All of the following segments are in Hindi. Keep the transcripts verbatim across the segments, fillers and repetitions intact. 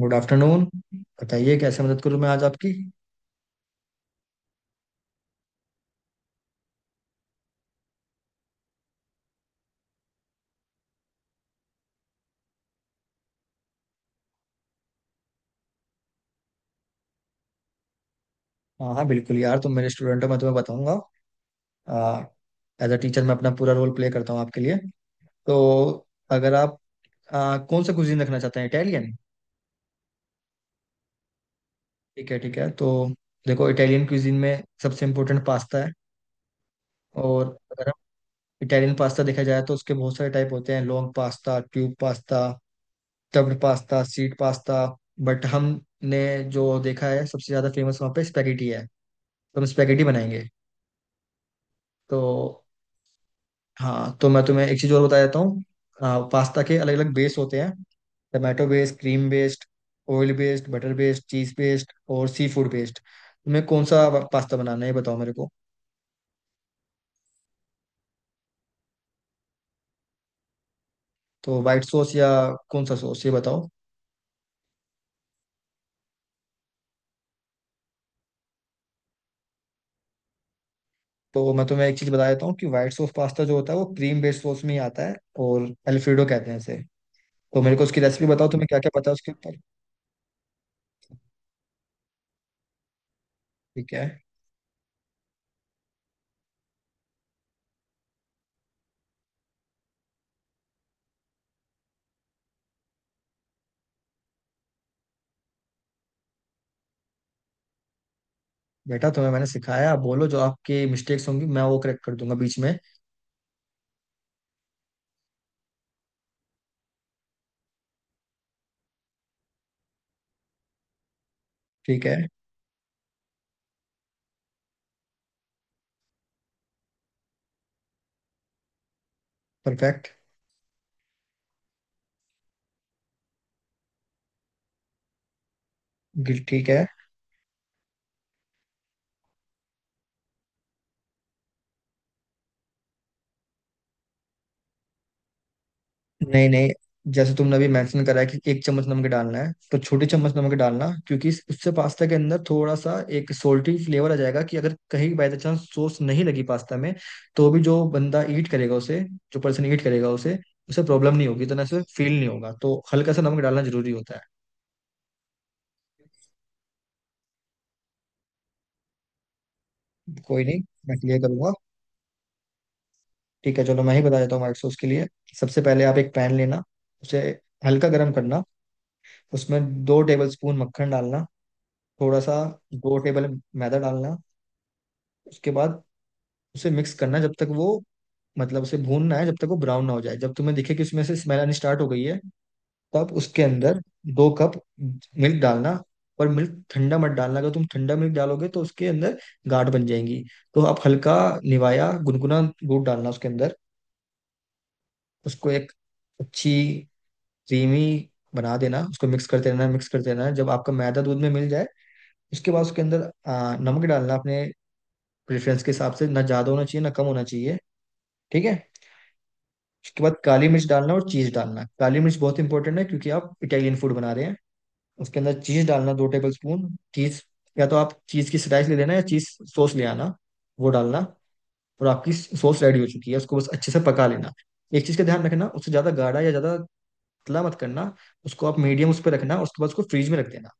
Good afternoon. बताइए कैसे मदद करूं मैं आज आपकी। हाँ हाँ बिल्कुल यार, तुम मेरे स्टूडेंट हो, मैं तुम्हें बताऊंगा। एज अ टीचर मैं अपना पूरा रोल प्ले करता हूँ आपके लिए। तो अगर आप आ, कौन सा कुजीन रखना चाहते हैं, इटालियन। ठीक है ठीक है, तो देखो इटालियन कुजीन में सबसे इम्पोर्टेंट पास्ता है। और अगर हम इटालियन पास्ता देखा जाए तो उसके बहुत सारे टाइप होते हैं, long pasta, tube pasta, stuffed pasta, sheet pasta. But हमने जो देखा है सबसे ज्यादा फेमस वहाँ पे स्पेगेटी है, तो हम स्पेगेटी बनाएंगे। तो हाँ, तो मैं तुम्हें एक चीज़ और बता देता हूँ, पास्ता के अलग अलग बेस होते हैं। Tomato based, cream based, oil based, butter based, cheese based और सी फूड बेस्ड। तुम्हें कौन सा पास्ता बनाना है ये बताओ मेरे को। तो वाइट सॉस या कौन सा सॉस ये बताओ। तो मैं तुम्हें एक चीज़ बता देता हूँ कि वाइट सॉस पास्ता जो होता है वो क्रीम बेस्ड सॉस में ही आता है, और एल्फ्रेडो कहते हैं इसे। तो मेरे को उसकी रेसिपी बताओ, तुम्हें क्या क्या पता है उसके ऊपर। ठीक है बेटा, तुम्हें मैंने सिखाया, आप बोलो, जो आपकी मिस्टेक्स होंगी मैं वो करेक्ट कर दूंगा बीच में। ठीक है। परफेक्ट। गिल- ठीक है। नहीं नहीं, जैसे तुमने अभी मेंशन करा है कि एक चम्मच नमक डालना है, तो छोटी चम्मच नमक डालना, क्योंकि इस- उससे पास्ता के अंदर थोड़ा सा एक सोल्टी फ्लेवर आ जाएगा कि अगर कहीं बाय चांस सॉस नहीं लगी पास्ता में, तो भी जो बंदा ईट करेगा उसे, जो पर्सन ईट करेगा उसे, उसे प्रॉब्लम नहीं होगी, इतना से फील नहीं होगा, तो हल्का सा नमक डालना जरूरी होता है। कोई नहीं, मैं क्लियर करूंगा। ठीक है, चलो मैं ही बता देता हूँ। व्हाइट सॉस के लिए सबसे पहले आप एक पैन लेना, उसे हल्का गर्म करना, उसमें दो टेबल स्पून मक्खन डालना। थोड़ा सा दो टेबल मैदा डालना। उसके बाद उसे मिक्स करना जब तक वो, मतलब उसे भूनना है जब तक वो ब्राउन ना हो जाए। जब तुम्हें दिखे कि उसमें से स्मेल आनी स्टार्ट हो गई है, तब उसके अंदर दो कप मिल्क डालना। पर मिल्क ठंडा मत डालना, अगर तुम ठंडा मिल्क डालोगे तो उसके अंदर गाढ़ बन जाएंगी। तो आप हल्का निवाया गुनगुना दूध डालना उसके अंदर। उसको एक अच्छी क्रीमी बना देना, उसको मिक्स करते रहना मिक्स करते रहना, जब आपका मैदा दूध में मिल जाए, उसके बाद उसके अंदर आ, नमक डालना अपने प्रेफरेंस के हिसाब से, ना ज़्यादा होना चाहिए ना कम होना चाहिए। ठीक है। उसके बाद काली मिर्च डालना और चीज़ डालना, काली मिर्च बहुत इंपॉर्टेंट है क्योंकि आप इटालियन फूड बना रहे हैं। उसके अंदर चीज़ डालना, दो टेबल स्पून चीज़। या तो आप चीज़ की स्लाइस ले लेना या चीज़ सॉस ले आना, वो डालना। और आपकी सॉस रेडी हो चुकी है, उसको बस अच्छे से पका लेना। एक चीज़ का ध्यान रखना, उससे ज़्यादा गाढ़ा या ज़्यादा पतला मत करना। उसको आप मीडियम उस पर रखना और उसके बाद उसको फ्रीज में रख देना।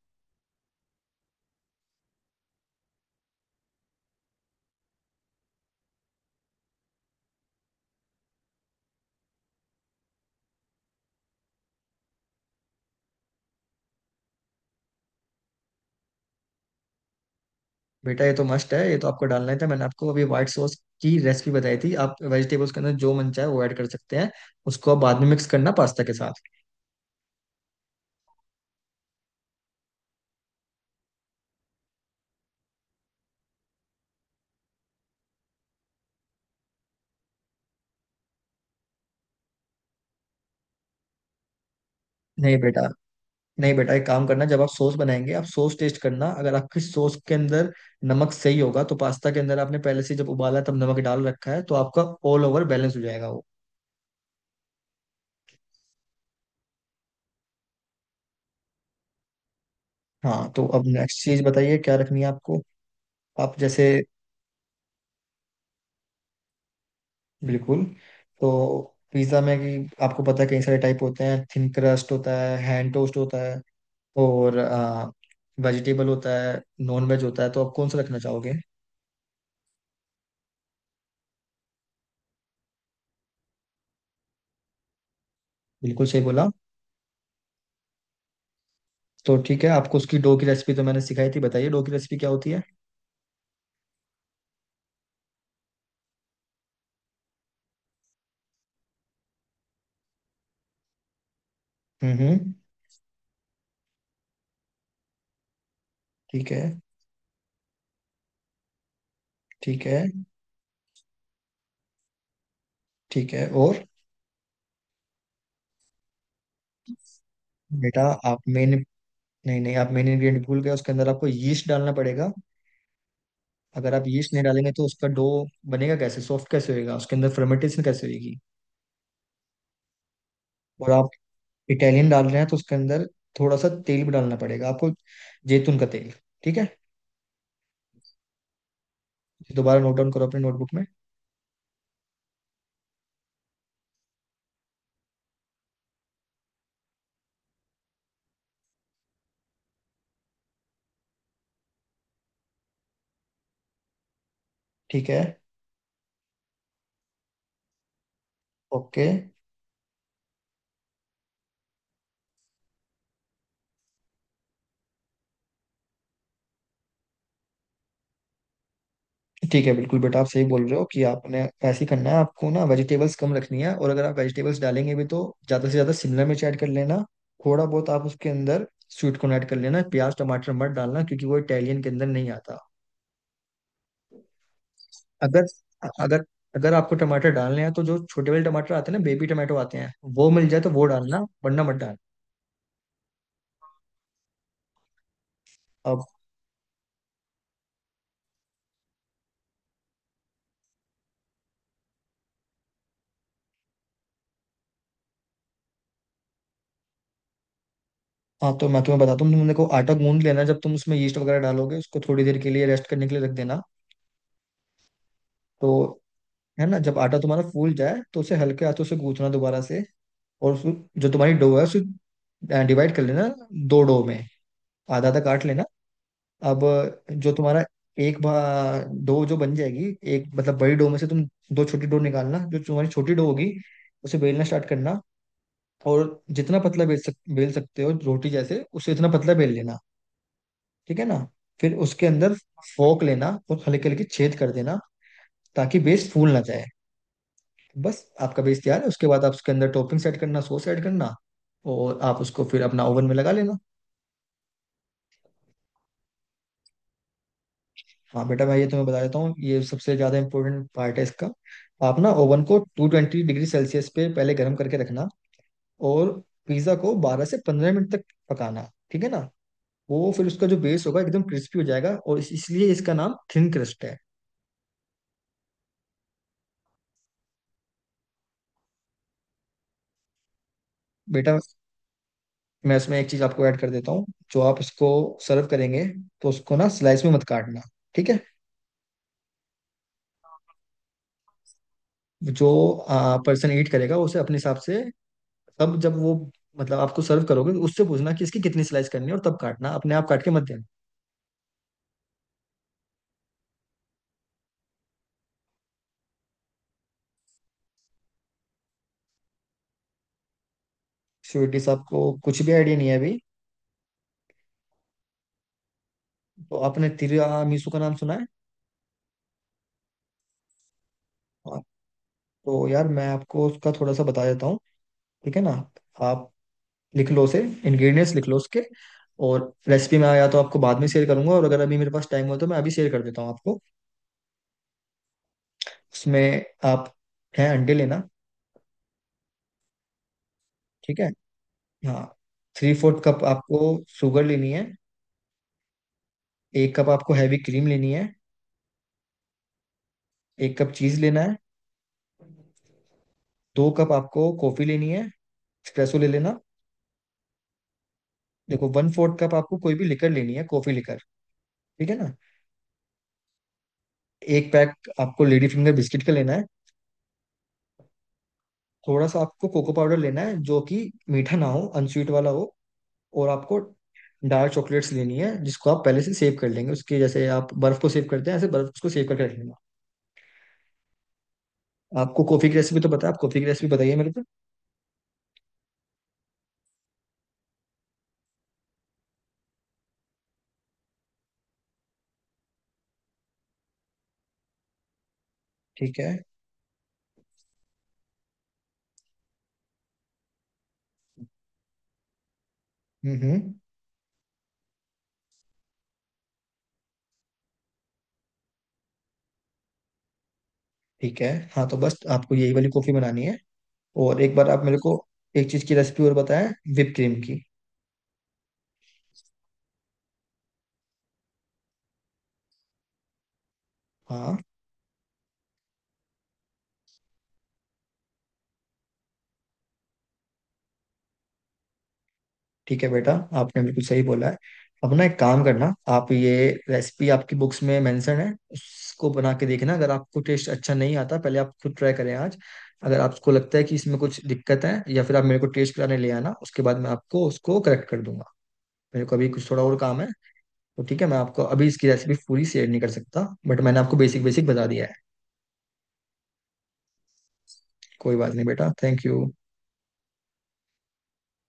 बेटा ये तो मस्ट है, ये तो आपको डालना ही था, मैंने आपको अभी व्हाइट सॉस की रेसिपी बताई थी, आप वेजिटेबल्स के अंदर जो मन चाहे वो ऐड कर सकते हैं। उसको आप बाद में मिक्स करना पास्ता के साथ। नहीं बेटा, नहीं बेटा, एक काम करना, जब आप सॉस बनाएंगे आप सॉस टेस्ट करना। अगर आपकी सॉस के अंदर नमक सही होगा, तो पास्ता के अंदर आपने पहले से जब उबाला तब नमक डाल रखा है, तो आपका ऑल ओवर बैलेंस हो जाएगा वो। हाँ, तो अब नेक्स्ट चीज बताइए क्या रखनी है आपको। आप जैसे। बिल्कुल। तो पिज्जा में, कि आपको पता है कई सारे टाइप होते हैं, थिन क्रस्ट होता है, हैंड टोस्ट होता है, और वेजिटेबल होता है, नॉन वेज होता है, तो आप कौन सा रखना चाहोगे। बिल्कुल सही बोला। तो ठीक है, आपको उसकी डो की रेसिपी तो मैंने सिखाई थी, बताइए डो की रेसिपी क्या होती है। हम्म हम्म, ठीक है। ठीक है। ठीक है और बेटा, आप मेन नहीं नहीं आप मेन इंग्रेडिएंट भूल गए, उसके अंदर आपको यीस्ट डालना पड़ेगा। अगर आप यीस्ट नहीं डालेंगे तो उसका डो बनेगा कैसे, सॉफ्ट कैसे होएगा, उसके अंदर फर्मेंटेशन कैसे होगी। और आप इटालियन डाल रहे हैं तो उसके अंदर थोड़ा सा तेल भी डालना पड़ेगा आपको, जैतून का तेल। ठीक है। दोबारा नोट डाउन करो अपने नोटबुक में। ठीक है। ओके। ठीक है, बिल्कुल बेटा, आप सही बोल रहे हो कि आपने ऐसे ही करना है, आपको ना वेजिटेबल्स कम रखनी है, और अगर आप वेजिटेबल्स डालेंगे भी तो ज़्यादा से ज़्यादा शिमला मिर्च ऐड कर लेना, थोड़ा बहुत आप उसके अंदर स्वीट कॉर्न ऐड कर लेना, प्याज टमाटर मत डालना क्योंकि वो इटालियन के अंदर नहीं आता। अगर अगर अगर आपको टमाटर डालने हैं तो जो छोटे वाले टमाटर आते हैं ना, बेबी टमाटो आते हैं, वो मिल जाए तो वो डालना, वरना मत डालना। अब हाँ, तो मैं तुम्हें बताता हूँ, तुम देखो आटा गूंद लेना, जब तुम उसमें यीस्ट वगैरह डालोगे, उसको थोड़ी देर के लिए रेस्ट करने के लिए रख देना। तो है ना, जब आटा तुम्हारा फूल जाए तो उसे हल्के हाथों से गूंथना दोबारा से। और उसको, जो तुम्हारी डो है उसे डिवाइड कर लेना दो डो में, आधा आधा काट लेना। अब जो तुम्हारा एक भा डो जो बन जाएगी, एक मतलब बड़ी डो में से तुम दो छोटी डो निकालना। जो तुम्हारी छोटी डो होगी उसे बेलना स्टार्ट करना, और जितना पतला बेल सक बेल सकते हो, रोटी जैसे उसे इतना पतला बेल लेना। ठीक है ना। फिर उसके अंदर फोक लेना और हल्के हल्के छेद कर देना, ताकि बेस फूल ना जाए। बस आपका बेस तैयार है, उसके बाद आप उसके अंदर टॉपिंग सेट करना, सॉस ऐड करना, और आप उसको फिर अपना ओवन में लगा लेना। हाँ बेटा, मैं ये तुम्हें बता देता हूँ, ये सबसे ज़्यादा इंपॉर्टेंट पार्ट है इसका। आप ना ओवन को टू ट्वेंटी डिग्री सेल्सियस पे पहले गर्म करके रखना, और पिज़्ज़ा को बारह से पंद्रह मिनट तक पकाना। ठीक है ना। वो फिर उसका जो बेस होगा एकदम क्रिस्पी हो जाएगा, और इस, इसलिए इसका नाम थिन क्रस्ट है। बेटा, मैं इसमें एक चीज़ आपको ऐड कर देता हूँ, जो आप इसको सर्व करेंगे तो उसको ना स्लाइस में मत काटना। ठीक है। जो पर्सन ईट करेगा उसे अपने हिसाब से, तब जब वो, मतलब आपको सर्व करोगे तो उससे पूछना कि इसकी कितनी स्लाइस करनी है और तब काटना, अपने आप काट के मत देना। श्योर डिश आपको कुछ भी आइडिया नहीं है अभी। तो आपने तिरामिसू का नाम सुना है। हाँ, तो यार मैं आपको उसका थोड़ा सा बता देता हूँ। ठीक है ना। आप लिख लो उसे, इंग्रेडिएंट्स लिख लो उसके, और रेसिपी मैं या तो आपको बाद में शेयर करूंगा, और अगर अभी मेरे पास टाइम हो तो मैं अभी शेयर कर देता हूँ आपको। उसमें आप है अंडे लेना। ठीक है। हाँ, थ्री फोर्थ कप आपको शुगर लेनी है। एक कप आपको हैवी क्रीम लेनी है। एक कप चीज लेना है। दो कप आपको कॉफी लेनी है, एक्सप्रेसो ले लेना। देखो वन फोर्थ कप आपको कोई भी लिकर लेनी है, कॉफी लिकर। ठीक है ना। एक पैक आपको लेडी फिंगर बिस्किट का लेना है। थोड़ा सा आपको कोको पाउडर लेना है जो कि मीठा ना हो, अनस्वीट वाला हो। और आपको डार्क चॉकलेट्स लेनी है जिसको आप पहले से सेव कर लेंगे, उसके जैसे आप बर्फ को सेव करते हैं, ऐसे बर्फ को सेव करके रख लेना। आपको कॉफी की रेसिपी तो बताया, आप कॉफी की रेसिपी बताइए मेरे को। ठीक है। हम्म हम्म ठीक है। हाँ, तो बस आपको यही वाली कॉफी बनानी है। और एक बार आप मेरे को एक चीज की रेसिपी और बताएं, whipped क्रीम की। हाँ। ठीक है बेटा, आपने बिल्कुल सही बोला है। अपना एक काम करना, आप ये रेसिपी आपकी बुक्स में मेंशन है, उसको बना के देखना। अगर आपको टेस्ट अच्छा नहीं आता, पहले आप खुद ट्राई करें आज। अगर आपको लगता है कि इसमें कुछ दिक्कत है या फिर आप मेरे को टेस्ट कराने ले आना, उसके बाद मैं आपको उसको करेक्ट कर दूंगा। मेरे को अभी कुछ थोड़ा और काम है, तो ठीक है मैं आपको अभी इसकी रेसिपी पूरी शेयर नहीं कर सकता, बट मैंने आपको बेसिक बेसिक बता दिया है। कोई बात नहीं बेटा, थैंक यू।